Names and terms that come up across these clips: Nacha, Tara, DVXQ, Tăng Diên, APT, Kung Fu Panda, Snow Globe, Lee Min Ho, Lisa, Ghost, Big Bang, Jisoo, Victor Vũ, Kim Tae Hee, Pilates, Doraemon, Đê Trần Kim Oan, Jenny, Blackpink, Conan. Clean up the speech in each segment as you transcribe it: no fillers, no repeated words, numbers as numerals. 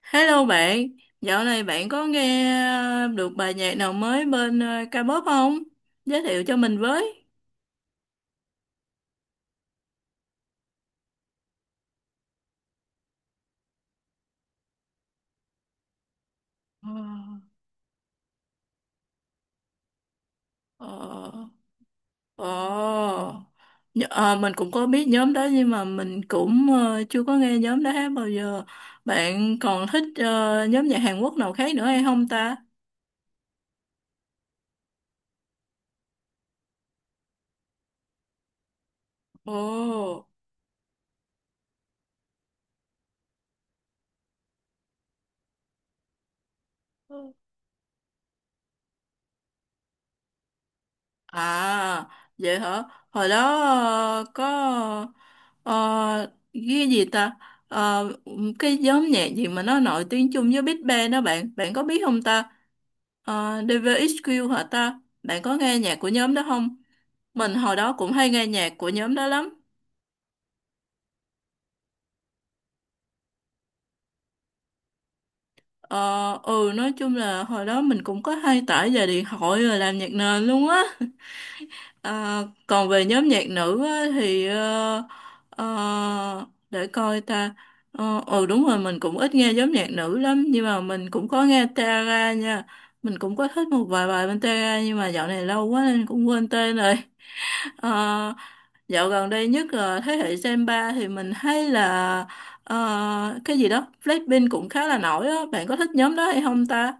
Hello bạn, dạo này bạn có nghe được bài nhạc nào mới bên K-pop không? Giới thiệu cho mình với. Ờ, Ờ, ờ, mình cũng có biết nhóm đó nhưng mà mình cũng chưa có nghe nhóm đó hát bao giờ. Bạn còn thích nhóm nhạc Hàn Quốc nào khác nữa hay không ta? Ồ, à, vậy hả? Hồi đó có cái gì ta? Ờ, cái nhóm nhạc gì mà nó nổi tiếng chung với Big Bang đó bạn, bạn có biết không ta? Ờ, DVXQ hả ta? Bạn có nghe nhạc của nhóm đó không? Mình hồi đó cũng hay nghe nhạc của nhóm đó lắm. Ờ, ừ, nói chung là hồi đó mình cũng có hay tải về điện thoại rồi làm nhạc nền luôn á. À, còn về nhóm nhạc nữ á, thì để coi ta. Ờ, ừ, đúng rồi, mình cũng ít nghe nhóm nhạc nữ lắm nhưng mà mình cũng có nghe Tara nha. Mình cũng có thích một vài bài bên Tara nhưng mà dạo này lâu quá nên cũng quên tên rồi. Ờ, dạo gần đây nhất là thế hệ Gen 3 thì mình thấy là cái gì đó Blackpink cũng khá là nổi á, bạn có thích nhóm đó hay không ta?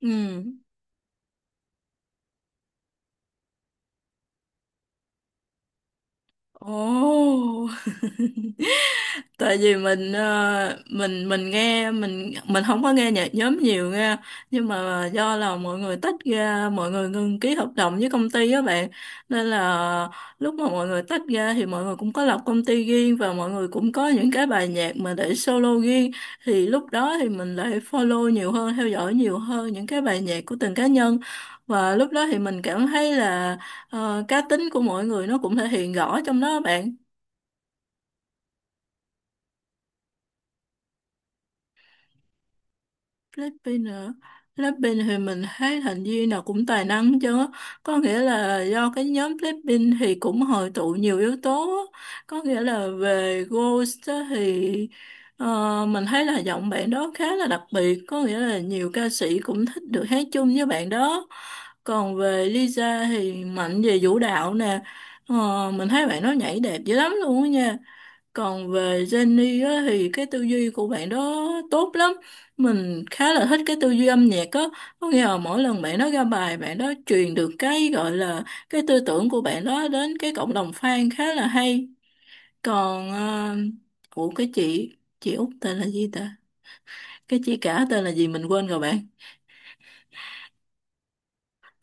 Ừ, ồ, tại vì mình nghe, mình không có nghe nhạc nhóm nhiều nghe, nhưng mà do là mọi người tách ra, mọi người ngừng ký hợp đồng với công ty á bạn, nên là lúc mà mọi người tách ra thì mọi người cũng có lập công ty riêng và mọi người cũng có những cái bài nhạc mà để solo riêng, thì lúc đó thì mình lại follow nhiều hơn, theo dõi nhiều hơn những cái bài nhạc của từng cá nhân, và lúc đó thì mình cảm thấy là cá tính của mọi người nó cũng thể hiện rõ trong đó bạn. Philippines nữa. Philippines thì mình thấy thành viên nào cũng tài năng chứ, có nghĩa là do cái nhóm Philippines thì cũng hội tụ nhiều yếu tố á. Có nghĩa là về Ghost á thì mình thấy là giọng bạn đó khá là đặc biệt, có nghĩa là nhiều ca sĩ cũng thích được hát chung với bạn đó. Còn về Lisa thì mạnh về vũ đạo nè. Ờ, mình thấy bạn đó nhảy đẹp dữ lắm luôn á nha. Còn về Jenny á, thì cái tư duy của bạn đó tốt lắm. Mình khá là thích cái tư duy âm nhạc á. Có nghĩa là mỗi lần bạn đó ra bài, bạn đó truyền được cái gọi là cái tư tưởng của bạn đó đến cái cộng đồng fan khá là hay. Còn, ủa, chị Út tên là gì ta? Cái chị cả tên là gì mình quên rồi bạn.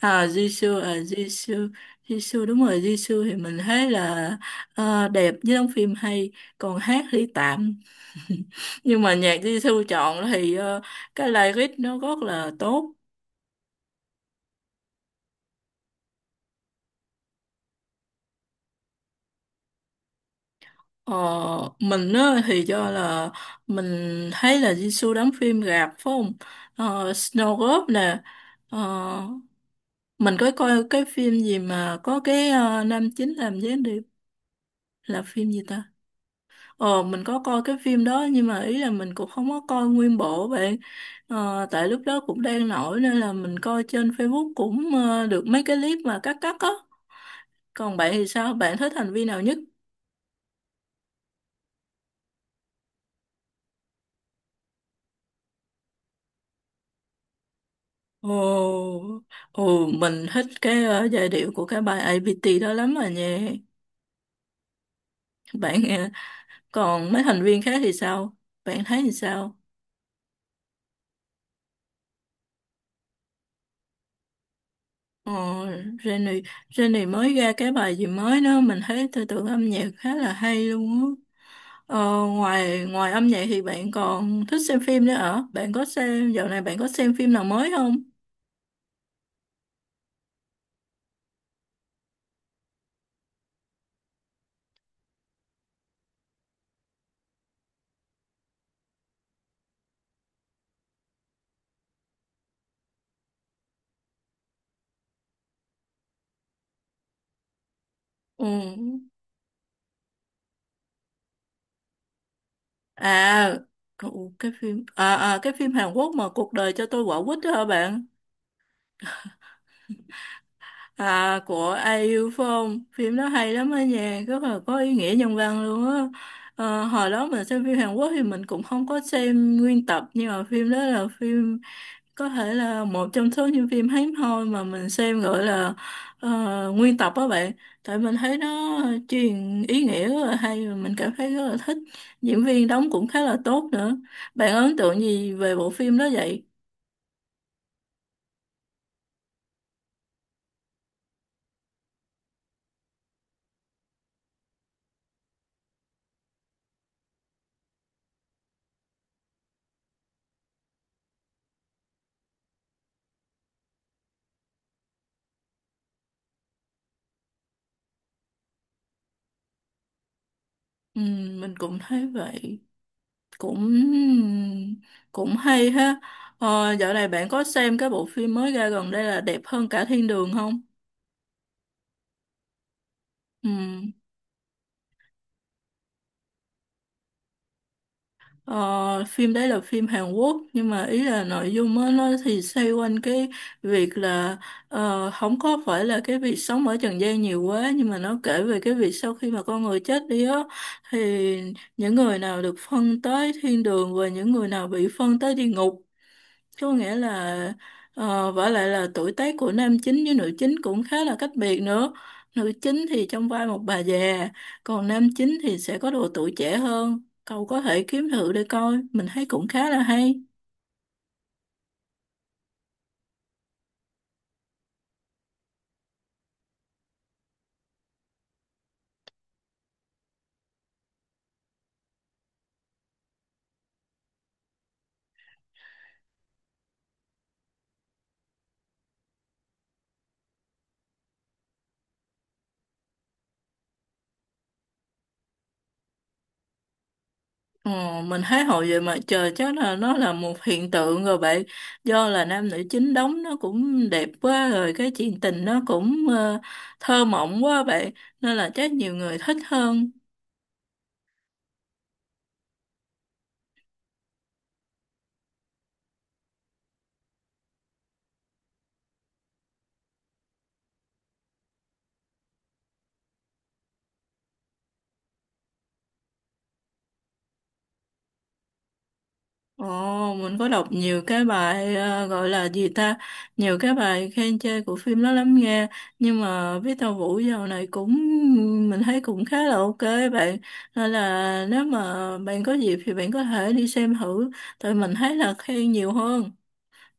À, Jisoo, Jisoo, đúng rồi, Jisoo thì mình thấy là đẹp với đóng phim hay, còn hát thì tạm. Nhưng mà nhạc Di chọn thì cái lyric nó rất là tốt. ờ, mình á, thì do là mình thấy là Di đóng phim rạp phải không? Ờ, Snow Globe nè. ờ, mình có coi cái phim gì mà có cái nam chính làm gián điệp, là phim gì ta? Ờ, mình có coi cái phim đó nhưng mà ý là mình cũng không có coi nguyên bộ bạn. Ờ, tại lúc đó cũng đang nổi nên là mình coi trên Facebook cũng được mấy cái clip mà cắt cắt á. Còn bạn thì sao? Bạn thích hành vi nào nhất? Ồ, ồ, mình thích cái giai điệu của cái bài APT đó lắm rồi nha. Bạn còn mấy thành viên khác thì sao? Bạn thấy thì sao? Ồ, Jenny, Jenny mới ra cái bài gì mới đó mình thấy tư tưởng âm nhạc khá là hay luôn á. Ờ, ngoài ngoài âm nhạc thì bạn còn thích xem phim nữa hả? Bạn có xem dạo này, bạn có xem phim nào mới không? Ừ. À, cái phim, à, à cái phim Hàn Quốc mà cuộc đời cho tôi quả quýt đó hả bạn? À, của Ai Yêu Phong, phim đó hay lắm á nha, rất là có ý nghĩa nhân văn luôn á. Ờ, hồi đó mình xem phim Hàn Quốc thì mình cũng không có xem nguyên tập nhưng mà phim đó là phim có thể là một trong số những phim hiếm hoi mà mình xem gọi là ờ, nguyên tập á bạn, tại mình thấy nó truyền ý nghĩa rất là hay và mình cảm thấy rất là thích, diễn viên đóng cũng khá là tốt nữa. Bạn ấn tượng gì về bộ phim đó vậy? Ừ, mình cũng thấy vậy, cũng cũng hay ha. Ờ, dạo này bạn có xem cái bộ phim mới ra gần đây là đẹp hơn cả thiên đường không? Ừ. Ờ, phim đấy là phim Hàn Quốc nhưng mà ý là nội dung á, nó thì xoay quanh cái việc là không có phải là cái việc sống ở trần gian nhiều quá nhưng mà nó kể về cái việc sau khi mà con người chết đi á, thì những người nào được phân tới thiên đường và những người nào bị phân tới địa ngục, có nghĩa là vả lại là tuổi tác của nam chính với nữ chính cũng khá là cách biệt nữa. Nữ chính thì trong vai một bà già, còn nam chính thì sẽ có độ tuổi trẻ hơn. Cậu có thể kiếm thử để coi, mình thấy cũng khá là hay. Ờ, mình thấy hồi về mà trời chắc là nó là một hiện tượng rồi bạn, do là nam nữ chính đóng nó cũng đẹp quá rồi, cái chuyện tình nó cũng thơ mộng quá bạn, nên là chắc nhiều người thích hơn. Ồ, mình có đọc nhiều cái bài gọi là gì ta, nhiều cái bài khen chê của phim đó lắm nghe, nhưng mà biết Tàu Vũ dạo này cũng, mình thấy cũng khá là ok bạn, nên là nếu mà bạn có dịp thì bạn có thể đi xem thử, tại mình thấy là khen nhiều hơn.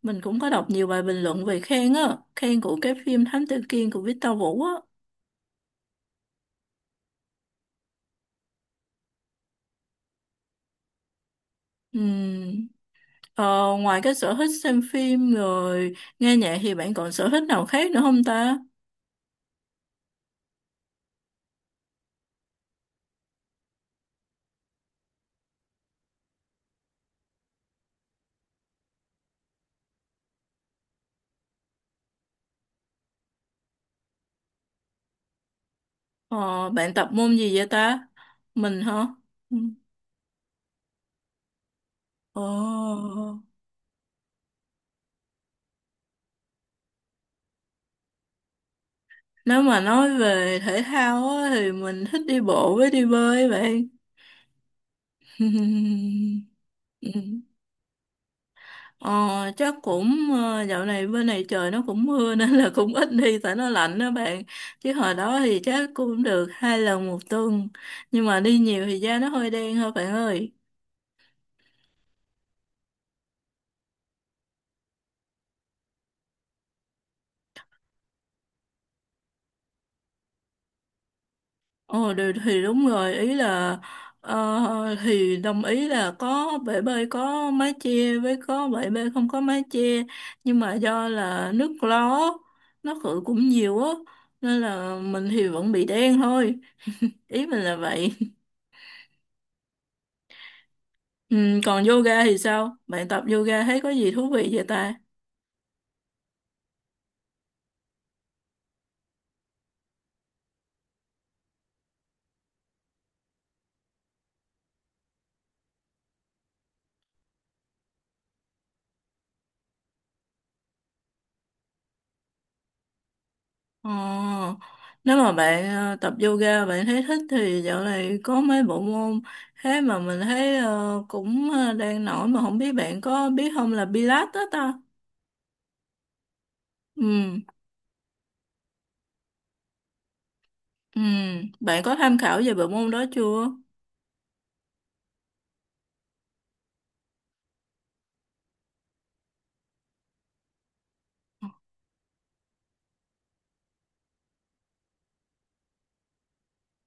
Mình cũng có đọc nhiều bài bình luận về khen á, khen của cái phim Thám Tử Kiên của Victor Vũ á. Ừm, ờ, ngoài cái sở thích xem phim rồi nghe nhạc thì bạn còn sở thích nào khác nữa không ta? Ờ, bạn tập môn gì vậy ta? Mình hả? Ừ. Ồ, nếu mà nói về thể thao á, thì mình thích đi bộ với đi bơi bạn. Ừ. Ờ, chắc cũng dạo này bên này trời nó cũng mưa nên là cũng ít đi tại nó lạnh đó bạn. Chứ hồi đó thì chắc cũng được 2 lần 1 tuần. Nhưng mà đi nhiều thì da nó hơi đen thôi bạn ơi. Ờ thì đúng rồi, ý là thì đồng ý là có bể bơi có mái che với có bể bơi không có mái che, nhưng mà do là nước lo á, nó khử cũng nhiều á, nên là mình thì vẫn bị đen thôi. Ý mình là vậy. Ừ, còn yoga thì sao, bạn tập yoga thấy có gì thú vị vậy ta? Ờ, nếu mà bạn tập yoga bạn thấy thích thì dạo này có mấy bộ môn thế mà mình thấy đang nổi mà không biết bạn có biết không, là Pilates đó ta. Ừ, ừ, bạn có tham khảo về bộ môn đó chưa?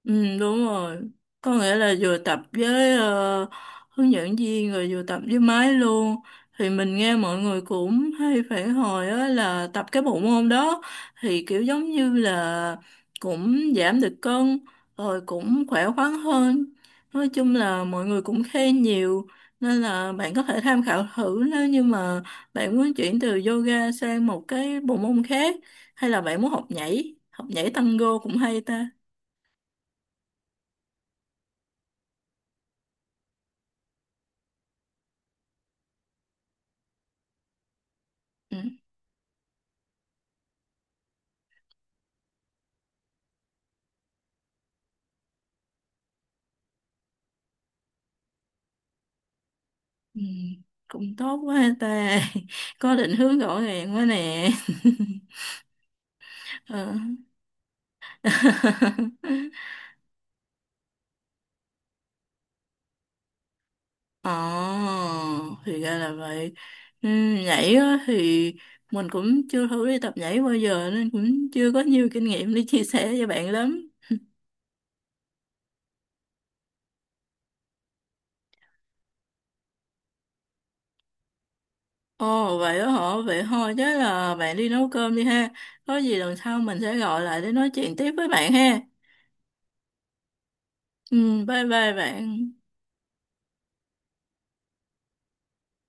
Ừ, đúng rồi. Có nghĩa là vừa tập với hướng dẫn viên rồi vừa tập với máy luôn. Thì mình nghe mọi người cũng hay phản hồi á là tập cái bộ môn đó thì kiểu giống như là cũng giảm được cân, rồi cũng khỏe khoắn hơn. Nói chung là mọi người cũng khen nhiều, nên là bạn có thể tham khảo thử nếu như mà bạn muốn chuyển từ yoga sang một cái bộ môn khác. Hay là bạn muốn học nhảy? Học nhảy tango cũng hay ta. Ừ. Ừ, cũng tốt quá ta. Có định hướng rõ ràng quá nè. ờ Ờ, thì ra là vậy. Ừ, nhảy á, thì mình cũng chưa thử đi tập nhảy bao giờ nên cũng chưa có nhiều kinh nghiệm để chia sẻ cho bạn lắm. Ồ, vậy đó hả, vậy thôi chắc là bạn đi nấu cơm đi ha, có gì lần sau mình sẽ gọi lại để nói chuyện tiếp với bạn ha. Ừ, bye bye bạn.